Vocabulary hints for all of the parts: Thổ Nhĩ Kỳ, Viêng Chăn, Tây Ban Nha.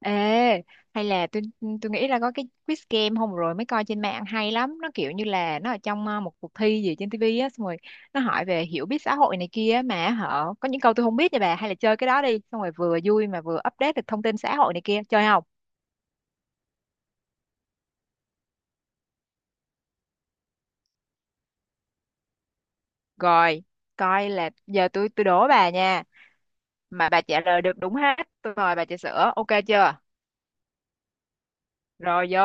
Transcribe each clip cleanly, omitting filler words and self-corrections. Ê, hay là tôi nghĩ là có cái quiz game hôm rồi mới coi trên mạng hay lắm, nó kiểu như là nó ở trong một cuộc thi gì trên tivi á, xong rồi nó hỏi về hiểu biết xã hội này kia mà họ có những câu tôi không biết nha bà. Hay là chơi cái đó đi, xong rồi vừa vui mà vừa update được thông tin xã hội này kia, chơi không? Rồi, coi là giờ tôi đố bà nha, mà bà trả lời được đúng hết, tôi mời bà trà sữa, ok chưa? Rồi vô,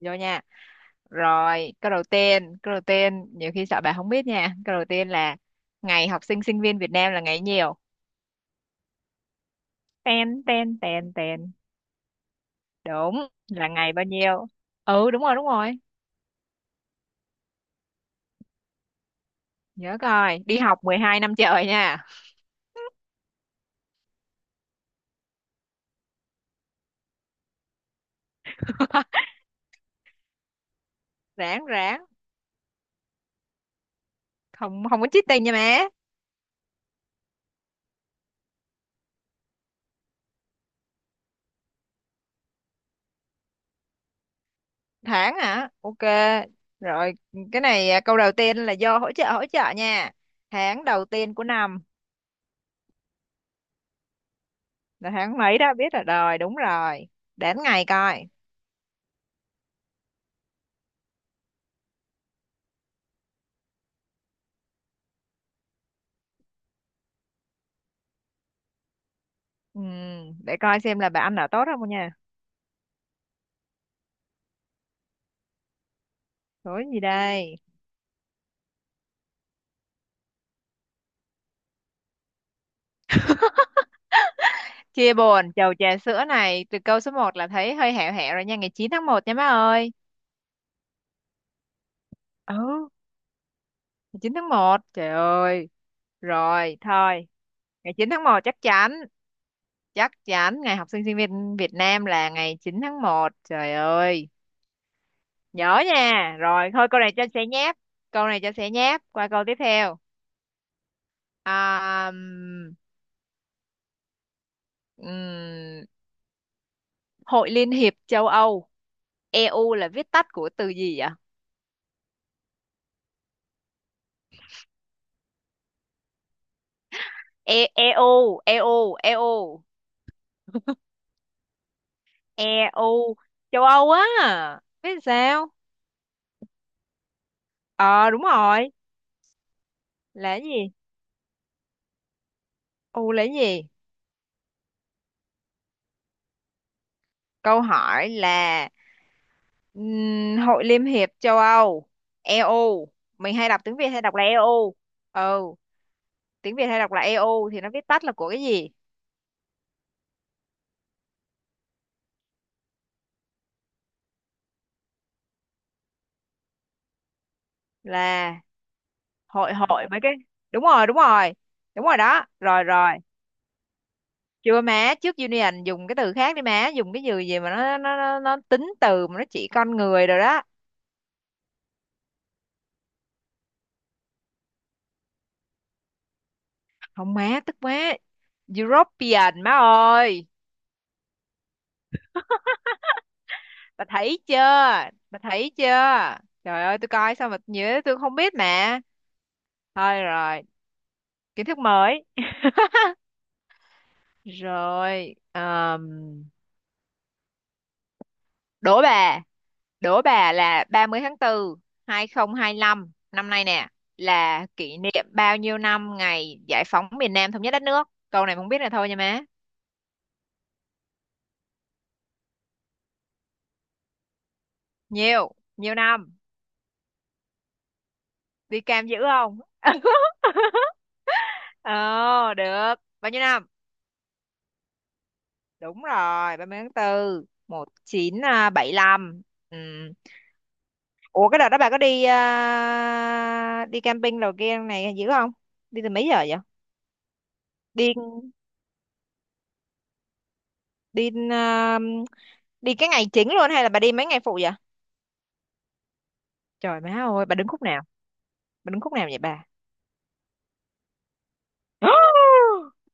vô nha. Rồi, câu đầu tiên, nhiều khi sợ bà không biết nha. Câu đầu tiên là ngày học sinh sinh viên Việt Nam là ngày nhiều. Ten, ten, ten, ten. Đúng, là ngày bao nhiêu? Ừ, đúng rồi, đúng rồi. Nhớ coi, đi học 12 năm trời nha. Ráng, ráng. Không không có cheating nha má. Tháng hả? Ok. Rồi, cái này câu đầu tiên là do hỗ trợ nha. Tháng đầu tiên của năm là tháng mấy đó biết rồi. Rồi, đúng rồi. Đến ngày coi. Ừ, để coi xem là bà ăn ở tốt không nha. Tối gì đây? Chia buồn, chầu trà sữa này từ câu số một là thấy hơi hẹo hẹo rồi nha, ngày 9 tháng 1 nha má ơi. Ừ, ngày 9 tháng 1. Trời ơi. Rồi, thôi. Ngày 9 tháng 1 chắc chắn ngày học sinh sinh viên Việt Nam là ngày 9 tháng 1. Trời ơi. Nhớ nha. Rồi, thôi câu này cho sẽ nháp. Câu này cho sẽ nháp. Qua câu tiếp theo. À, ừm, ừm, Hội Liên hiệp châu Âu EU là viết tắt của từ gì vậy? E EU, EU, EU, EU, châu Âu á. Biết sao? Ờ, đúng rồi. Là cái gì? U là cái gì? Câu hỏi là Hội Liên hiệp châu Âu, EU. Mình hay đọc tiếng Việt hay đọc là EU. Ừ, tiếng Việt hay đọc là EU thì nó viết tắt là của cái gì? Là hội hội mấy cái. Đúng rồi, đúng rồi. Đúng rồi đó. Rồi rồi. Chưa má, trước Union dùng cái từ khác đi má, dùng cái từ gì mà nó tính từ mà nó chỉ con người rồi đó. Không má, tức má European má ơi. Bà thấy chưa? Bà thấy chưa? Trời ơi, tôi coi sao mà nhớ, tôi không biết mẹ. Thôi rồi, kiến thức mới. Rồi đố bà, đố bà là 30 tháng 4 2025 năm nay nè, là kỷ niệm bao nhiêu năm ngày giải phóng miền Nam thống nhất đất nước, câu này không biết là thôi nha má. Nhiều, nhiều năm. Đi cam dữ không? Ờ, được bao nhiêu năm? Đúng rồi, 30 tháng 4 một chín bảy lăm. Ừ. Ủa cái đợt đó bà có đi đi camping đầu kia này dữ không? Đi từ mấy giờ vậy? Đi đi à, đi cái ngày chính luôn hay là bà đi mấy ngày phụ vậy? Trời má ơi, bà đứng khúc nào? Bà đứng khúc nào vậy bà?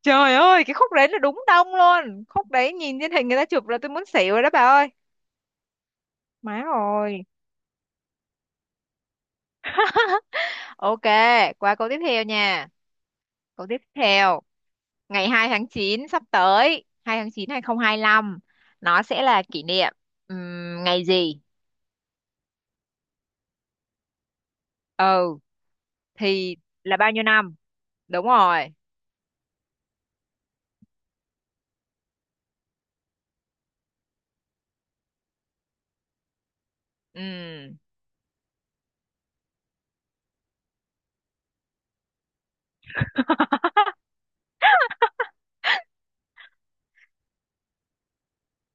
Trời ơi, cái khúc đấy là đúng đông luôn. Khúc đấy nhìn trên hình người ta chụp là tôi muốn xỉu rồi đó bà ơi. Má ơi. Ok, qua câu tiếp theo nha. Câu tiếp theo, ngày 2 tháng 9 sắp tới, 2 tháng 9 2025, nó sẽ là kỷ niệm ngày gì? Ừ, thì là bao nhiêu năm? Đúng rồi. Ừm,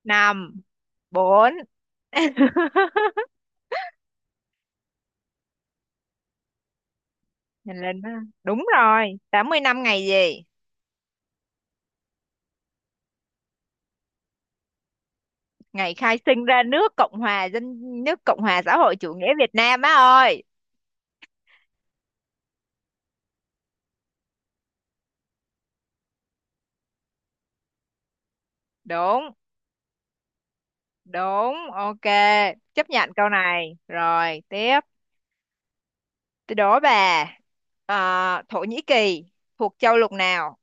5, 4. Nhìn lên đó. Đúng rồi, 80 năm ngày gì? Ngày khai sinh ra nước Cộng hòa xã hội chủ nghĩa Việt Nam á ơi. Đúng. Đúng, ok, chấp nhận câu này rồi tiếp. Tôi đố bà Thổ Nhĩ Kỳ thuộc châu lục nào?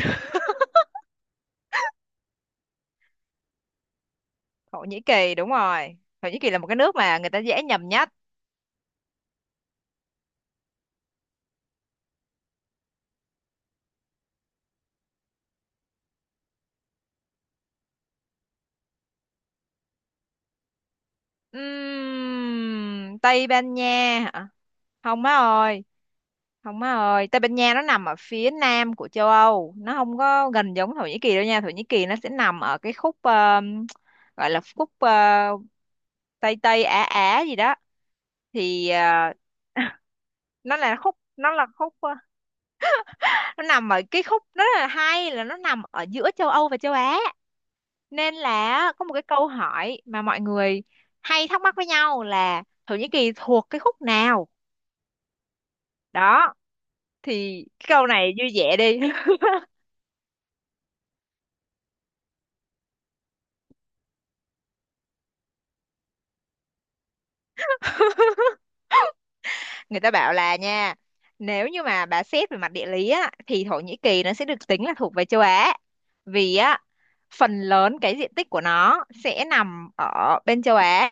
Thổ Nhĩ Kỳ đúng rồi. Thổ Nhĩ Kỳ là một cái nước mà người ta dễ nhầm nhất. Tây Ban Nha hả? Không má ơi, không má ơi, Tây Ban Nha nó nằm ở phía nam của châu Âu, nó không có gần giống Thổ Nhĩ Kỳ đâu nha. Thổ Nhĩ Kỳ nó sẽ nằm ở cái khúc gọi là khúc Tây Tây Á Á gì đó. Thì nó là khúc nó là khúc ờ, nó nằm ở cái khúc, nó rất là hay là nó nằm ở giữa châu Âu và châu Á, nên là có một cái câu hỏi mà mọi người hay thắc mắc với nhau là Thổ Nhĩ Kỳ thuộc cái khúc nào đó. Thì cái câu này vui vẻ đi. Người ta bảo là nha, nếu như mà bà xét về mặt địa lý á thì Thổ Nhĩ Kỳ nó sẽ được tính là thuộc về châu Á, vì á phần lớn cái diện tích của nó sẽ nằm ở bên châu Á.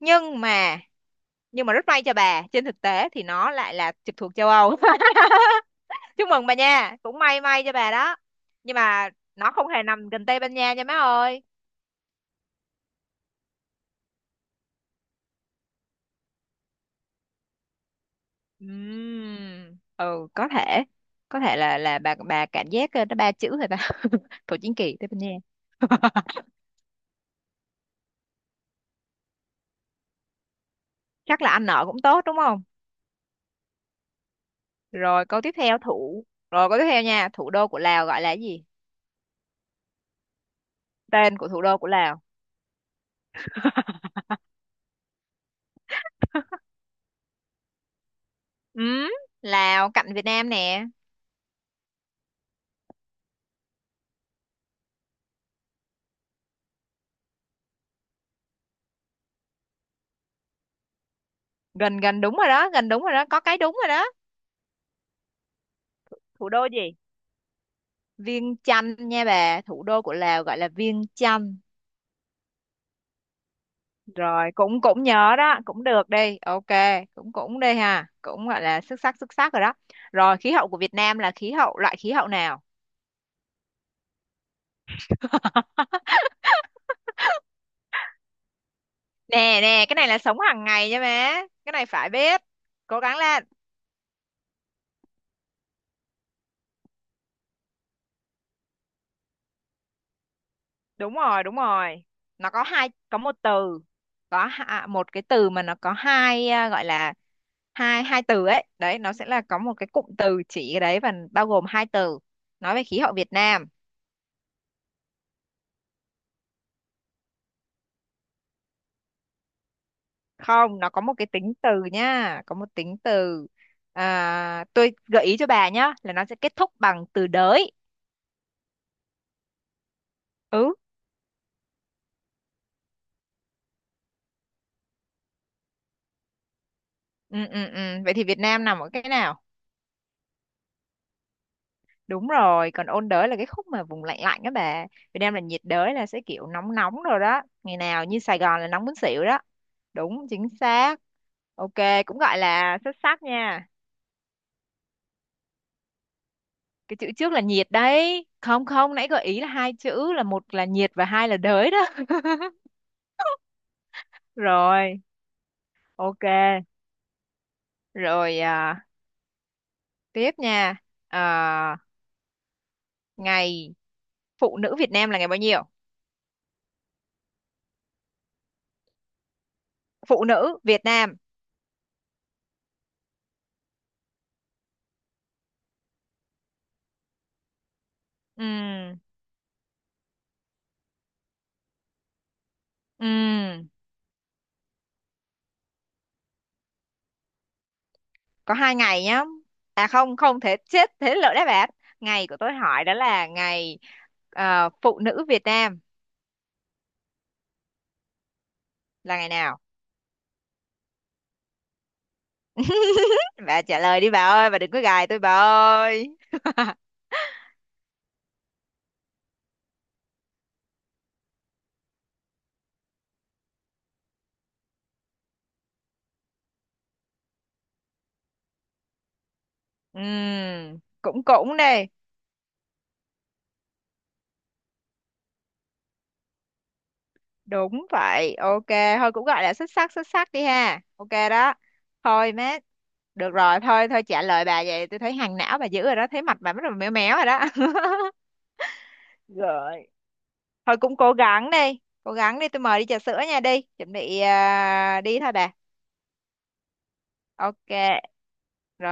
nhưng mà nhưng mà rất may cho bà, trên thực tế thì nó lại là trực thuộc châu Âu. Chúc mừng bà nha, cũng may may cho bà đó. Nhưng mà nó không hề nằm gần Tây Ban Nha nha má ơi. Ừ, có thể là bà cảm giác nó ba chữ rồi ta. Thổ Chính Kỳ Tây Ban Nha. Chắc là ăn nợ cũng tốt đúng không? rồi câu tiếp theo thủ Rồi câu tiếp theo nha, thủ đô của Lào gọi là gì? Tên của thủ đô của Lào. Ừm, Lào cạnh Việt Nam nè. Gần, gần đúng rồi đó, gần đúng rồi đó, có cái đúng rồi đó. Thủ đô gì? Viêng Chăn nha bà, thủ đô của Lào gọi là Viêng Chăn. Rồi cũng cũng nhớ đó, cũng được đi. Ok, cũng cũng đi ha. Cũng gọi là xuất sắc rồi đó. Rồi khí hậu của Việt Nam là khí hậu loại khí hậu nào? Nè nè, cái này là sống hàng ngày nha bé. Cái này phải biết. Cố gắng lên. Đúng rồi, đúng rồi. Nó có hai có một từ. Một cái từ mà nó có hai gọi là hai hai từ ấy. Đấy, nó sẽ là có một cái cụm từ chỉ cái đấy và bao gồm hai từ. Nói về khí hậu Việt Nam. Không, nó có một cái tính từ nhá, có một tính từ. À, tôi gợi ý cho bà nhá là nó sẽ kết thúc bằng từ đới. Ừ, ừ, ừ, ừ. Vậy thì Việt Nam nằm ở cái nào? Đúng rồi, còn ôn đới là cái khúc mà vùng lạnh lạnh đó bà. Việt Nam là nhiệt đới là sẽ kiểu nóng nóng rồi đó, ngày nào như Sài Gòn là nóng muốn xỉu đó. Đúng chính xác. Ok. Cũng gọi là xuất sắc nha. Cái chữ trước là nhiệt đấy, không không nãy gợi ý là hai chữ, là một là nhiệt và hai là đới đó. Rồi, ok. Rồi tiếp nha. À, ngày phụ nữ Việt Nam là ngày bao nhiêu? Phụ nữ Việt Nam. Ừm, ừm, có hai ngày nhá. À không, không thể chết thế lỡ đáp án. Ngày của tôi hỏi đó là ngày phụ nữ Việt Nam là ngày nào? Bà trả lời đi bà ơi, bà đừng có gài tôi bà ơi. Cũng cũng đi. Đúng vậy, ok. Thôi cũng gọi là xuất sắc đi ha, ok đó. Thôi má, được rồi. Thôi thôi, trả lời bà vậy tôi thấy hàng não bà dữ rồi đó, thấy mặt bà bắt đầu méo méo rồi đó. Rồi, thôi cũng cố gắng đi, cố gắng đi, tôi mời đi trà sữa nha. Đi chuẩn bị đi thôi bà. Ok. Rồi.